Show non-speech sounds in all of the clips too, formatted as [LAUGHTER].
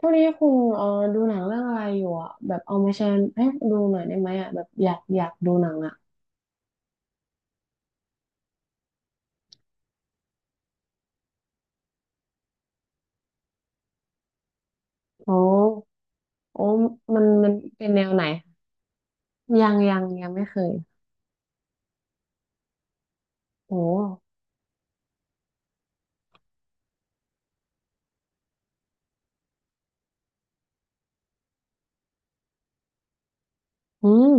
ทวกนี้คุณเออดูหนังเรื่องอะไรอยู่อ่ะแบบเอามาแชร์ให้ดูหน่อยได้ไหมอ่ะแบบอยากดูหนังอ่ะโอ้โอ้มันเป็นแนวไหนยังไม่เคยโอ้อืม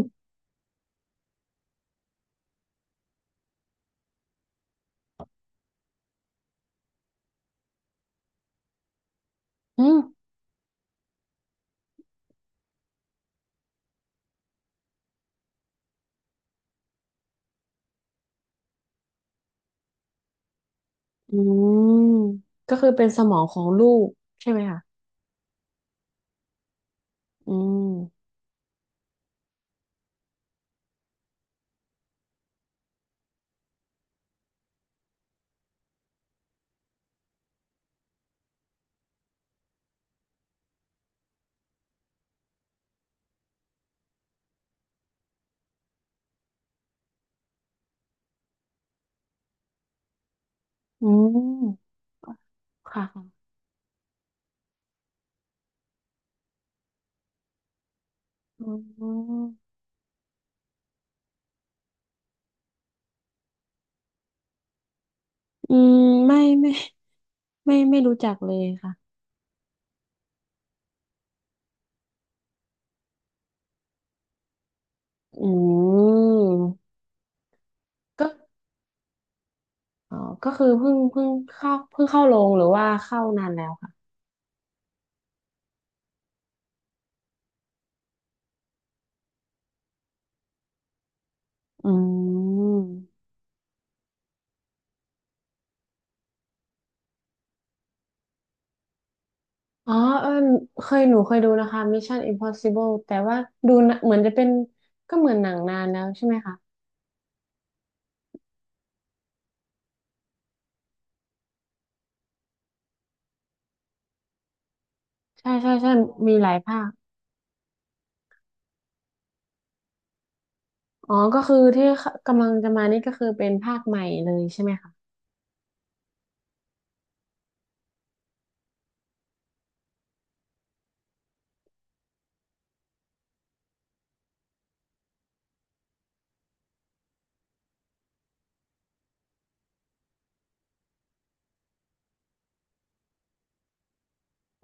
อืมอืมก็คือเป็นสมองของลูกใช่ไหมคะอืมอืมค่ะค่ะอืมอืมไม่ไม่ไม่รู้จักเลยค่ะอืมก็อ๋อก็คือเพิ่งเข้าเพิ่งเข้าโรงหรือว่าเข้านานแล้ว อืม อ๋อเออเคยหนูเคยดูนะคะ Mission Impossible แต่ว่าดูนะเหมือนจะเป็นก็เหมือนหนังนานแล้วใช่ไหมคะใช่ใช่ใช่มีหลายภาคอ๋อก็คือที่กำลังจะมานี่ก็คือเป็นภาคใหม่เลยใช่ไหมคะ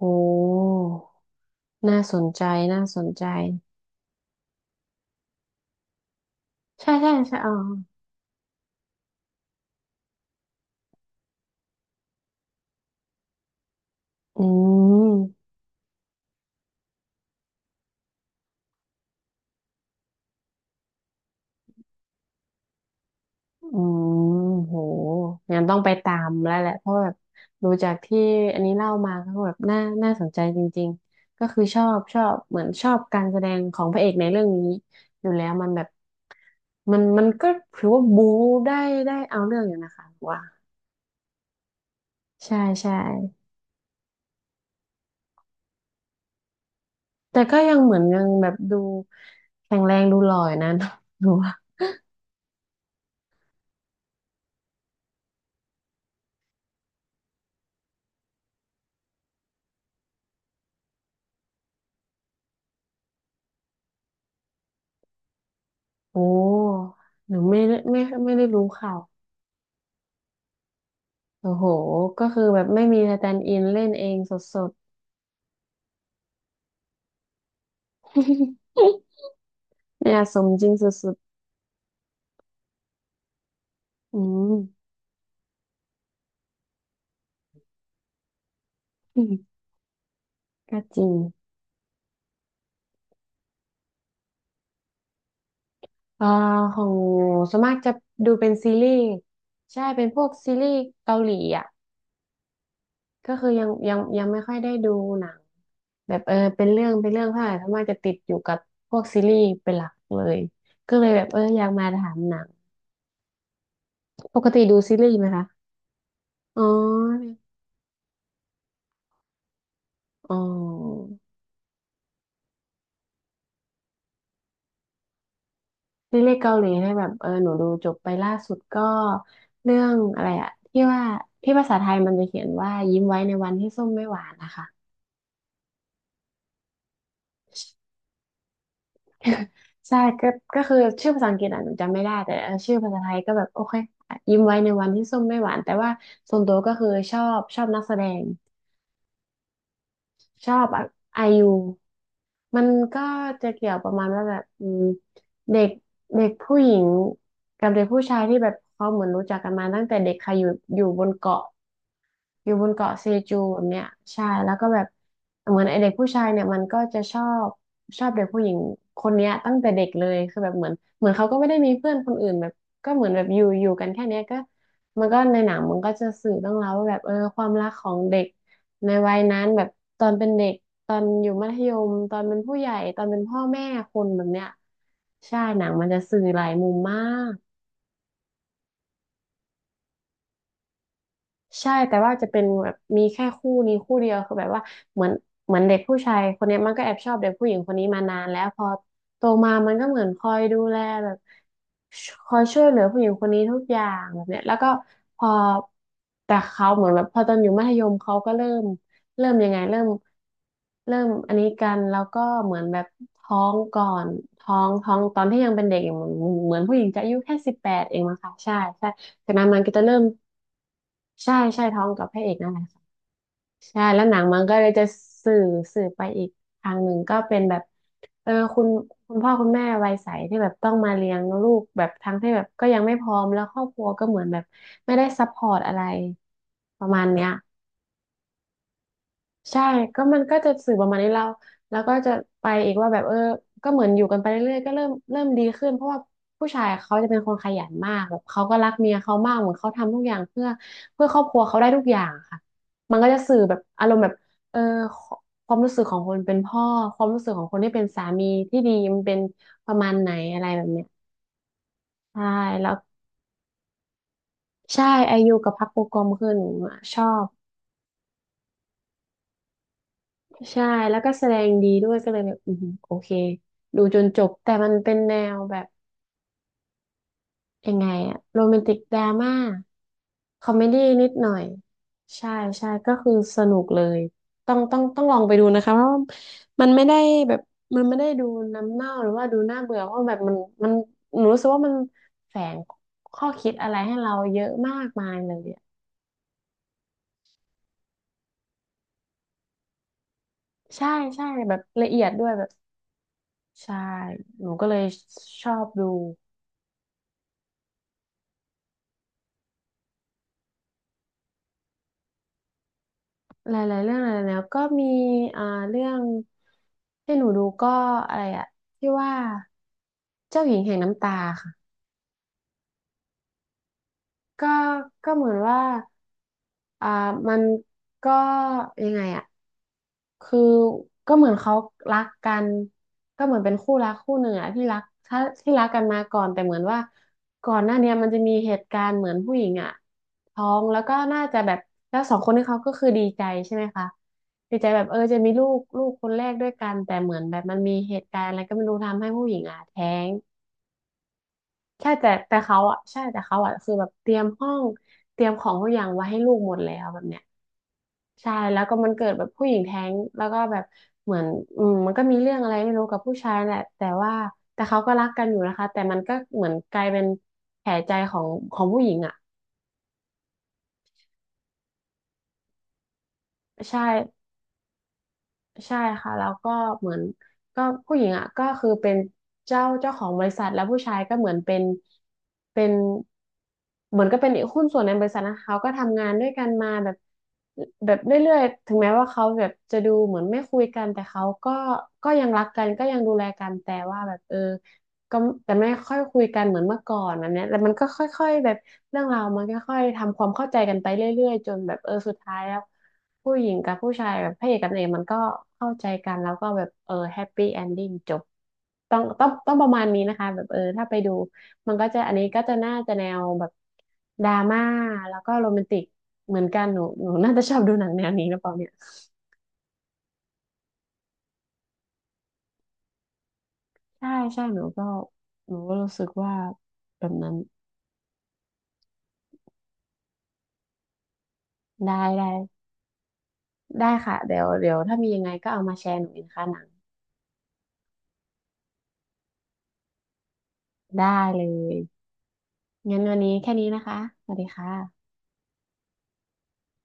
โอ้ น่าสนใจน่าสนใจใช่ใช่ใช่อ๋ออืม อืมโหงั้นต้องไปตามแล้วแหละเพราะแบบดูจากที่อันนี้เล่ามาก็แบบน่าน่าสนใจจริงๆก็คือชอบชอบเหมือนชอบการแสดงของพระเอกในเรื่องนี้อยู่แล้วมันแบบมันก็ถือว่าบู๊ได้ได้เอาเรื่องอยู่นะคะว่าใช่ใช่แต่ก็ยังเหมือนยังแบบดูแข็งแรงดูหล่ออยู่นะ [LAUGHS] หนูว่าโอ้หนูไม่ได้ไม่ได้รู้ข่าวโอ้โหก็คือแบบไม่มีสแตนด์อินเล่นเองสดๆ [LAUGHS] เนี่ยสมจริงสุดๆอืมอืมก็จริงอ่าของหนูส่วนมากจะดูเป็นซีรีส์ใช่เป็นพวกซีรีส์เกาหลีอ่ะก็คือยังไม่ค่อยได้ดูหนังแบบเออเป็นเรื่องเป็นเรื่องเท่าไหร่ส่วนมากจะติดอยู่กับพวกซีรีส์เป็นหลักเลยก็เลยแบบเอออยากมาถามหนังปกติดูซีรีส์ไหมคะอ๋ออ๋อ ซีรีส์เกาหลีเนี่ยแบบเออหนูดูจบไปล่าสุดก็เรื่องอะไรอะที่ว่าที่ภาษาไทยมันจะเขียนว่ายิ้มไว้ในวันที่ส้มไม่หวานนะคะ [LAUGHS] ใช่ก็ก็คือชื่อภาษาอังกฤษอ่ะหนูจำไม่ได้แต่เออชื่อภาษาไทยก็แบบโอเคยิ้มไว้ในวันที่ส้มไม่หวานแต่ว่าส่วนตัวก็คือชอบชอบนักแสดงชอบไอยูมันก็จะเกี่ยวประมาณว่าแบบอืมเด็กเด็กผู้หญิงกับเด็กผู้ชายที่แบบเขาเหมือนรู้จักกันมาตั้งแต่เด็กค่ะอยู่อยู่บนเกาะ อยู่บนเกาะเซจูแบบเนี้ยใช่แล้วก็แบบเหมือนไอเด็กผู้ชายเนี่ยมันก็จะชอบชอบเด็กผู้หญิงคนเนี้ยตั้งแต่เด็กเลยคือแบบเหมือนเขาก็ไม่ได้มีเพื่อนคนอื่นแบบก็เหมือนแบบอยู่อยู่กันแค่เนี้ยก็มันก็ในหนังมันก็จะสื่อเรื่องราวว่าแบบเออความรักของเด็กในวัยนั้นแบบตอนเป็นเด็กตอนอยู่มัธยมตอนเป็นผู้ใหญ่ตอนเป็นพ่อแม่คนแบบเนี้ยใช่หนังมันจะสื่อหลายมุมมาก ใช่แต่ว่าจะเป็นแบบมีแค่คู่นี้คู่เดียวคือแบบว่าเหมือนเหมือนเด็กผู้ชายคนเนี้ยมันก็แอบชอบเด็กผู้หญิงคนนี้มานานแล้วพอโตมามันก็เหมือนคอยดูแลแบบชคอยช่วยเหลือผู้หญิงคนนี้ทุกอย่างแบบเนี้ยแล้วก็พอแต่เขาเหมือนแบบพอตอนอยู่มัธยมเขาก็เริ่มยังไงเริ่มเริ่มอันนี้กันแล้วก็เหมือนแบบท้องก่อนท้องตอนที่ยังเป็นเด็กอยู่เหมือนเหมือนผู้หญิงจะอายุแค่18เองมั้งคะใช่ใช่จากนั้นมันก็จะเริ่ม ใช่ใช่ท้องกับพระเอกนั่นแหละค่ะใช่แล้วหนังมันก็เลยจะสื่อสื่อไปอีกทางหนึ่งก็เป็นแบบเออคุณคุณพ่อคุณแม่วัยใสที่แบบต้องมาเลี้ยงลูกแบบทั้งที่แบบก็ยังไม่พร้อมแล้วครอบครัวก็เหมือนแบบไม่ได้ซัพพอร์ตอะไรประมาณเนี้ย ใช่ก็มันก็จะสื่อประมาณนี้เราแล้วก็จะไปอีกว่าแบบเออก็เหมือนอยู่กันไปเรื่อยๆก็เริ่มดีขึ้นเพราะว่าผู้ชายเขาจะเป็นคนขยันมากแบบเขาก็รักเมียเขามาก เหมือนเขาทำทุกอย่างเพื่อครอบครัวเขาได้ทุกอย่างค่ะมันก็จะสื่อแบบอารมณ์แบบเออความรู้สึกของคนเป็นพ่อความรู้สึกของคนที่เป็นสามีที่ดีมันเป็นประมาณไหนอะไรแบบเนี้ยใช่แล้วใช่อายุกับพักโปรกรมคือหนูอะชอบ ใช่แล้วก็แสดงดีด้วยก็เลยแบบอืมโอเคดูจนจบแต่มันเป็นแนวแบบยังไงอะโรแมนติกดราม่าคอมเมดี้นิดหน่อยใช่ใช่ก็คือสนุกเลยต้องลองไปดูนะคะเพราะว่ามันไม่ได้แบบมันไม่ได้ดูน้ำเน่าหรือว่าดูน่าเบื่อเพราะแบบมันหนูรู้สึกว่ามันแฝงข้อคิดอะไรให้เราเยอะมากมายเลยอะใช่ใช่แบบละเอียดด้วยแบบใช่หนูก็เลยชอบดู หลายๆเรื่องหลายๆแล้วก็มีอ่าเรื่องที่หนูดูก็อะไรอะที่ว่าเจ้าหญิงแห่งน้ำตาค่ะก็ก็เหมือนว่าอ่ามันก็ยังไงอะ คือก็เหมือนเขารักกันก็เหมือนเป็นคู่รักคู่หนึ่งอะที่รักถ้าที่รักกันมาก่อนแต่เหมือนว่าก่อนหน้าเนี้ยมันจะมีเหตุการณ์เหมือนผู้หญิงอะท้องแล้วก็น่าจะแบบแล้วสองคนนี้เขาก็คือดีใจใช่ไหมคะดีใจแบบเออจะมีลูกคนแรกด้วยกันแต่เหมือนแบบมันมีเหตุการณ์อะไรก็ไม่รู้ทำให้ผู้หญิงอะแท้งใช่แต่เขาอะใช่แต่เขาอะคือแบบเตรียมห้องเตรียมของทุกอย่างไว้ให้ลูกหมดแล้วแบบเนี้ย ใช่แล้วก็มันเกิดแบบผู้หญิงแท้งแล้วก็แบบเหมือนอืมมันก็มีเรื่องอะไรไม่รู้กับผู้ชายแหละแต่ว่าแต่เขาก็รักกันอยู่นะคะแต่มันก็เหมือนกลายเป็นแผลใจของของผู้หญิงอ่ะใช่ ใช่ค่ะแล้วก็เหมือนก็ผู้หญิงอ่ะก็คือเป็นเจ้าของบริษัทแล้วผู้ชายก็เหมือนเป็นเหมือนก็เป็นหุ้นส่วนในบริษัทนะเขาก็ทำงานด้วยกันมาแบบแบบเรื่อยๆถึงแม้ว่าเขาแบบจะดูเหมือนไม่คุยกันแต่เขาก็ยังรักกันก็ยังดูแลกันแต่ว่าแบบเออ ก็แต่ไม่ค่อยคุยกันเหมือนเมื่อก่อนแบบเนี้ยแต่มันก็ค่อยๆแบบเรื่องราวมันก็ค่อยทำความเข้าใจกันไปเรื่อยๆจนแบบเออสุดท้ายแล้วผู้หญิงกับผู้ชายแบบพระเอกกับนางเอกมันก็เข้าใจกันแล้วก็แบบเออแฮปปี้เอนดิ้งจบต้องประมาณนี้นะคะแบบเออถ้าไปดูมันก็จะอันนี้ก็จะน่าจะแนวแบบดราม่าแล้วก็โรแมนติกเหมือนกันหนูน่าจะชอบดูหนังแนวนี้หรือเปล่าเนี่ยใช่ใช่หนูก็หนูก็รู้สึกว่าแบบนั้นได้ได้ ได้ค่ะเดี๋ยวเดี๋ยวถ้ามียังไงก็เอามาแชร์หนูอีกนะคะหนังได้เลยงั้นวันนี้แค่นี้นะคะสวัสดีค่ะ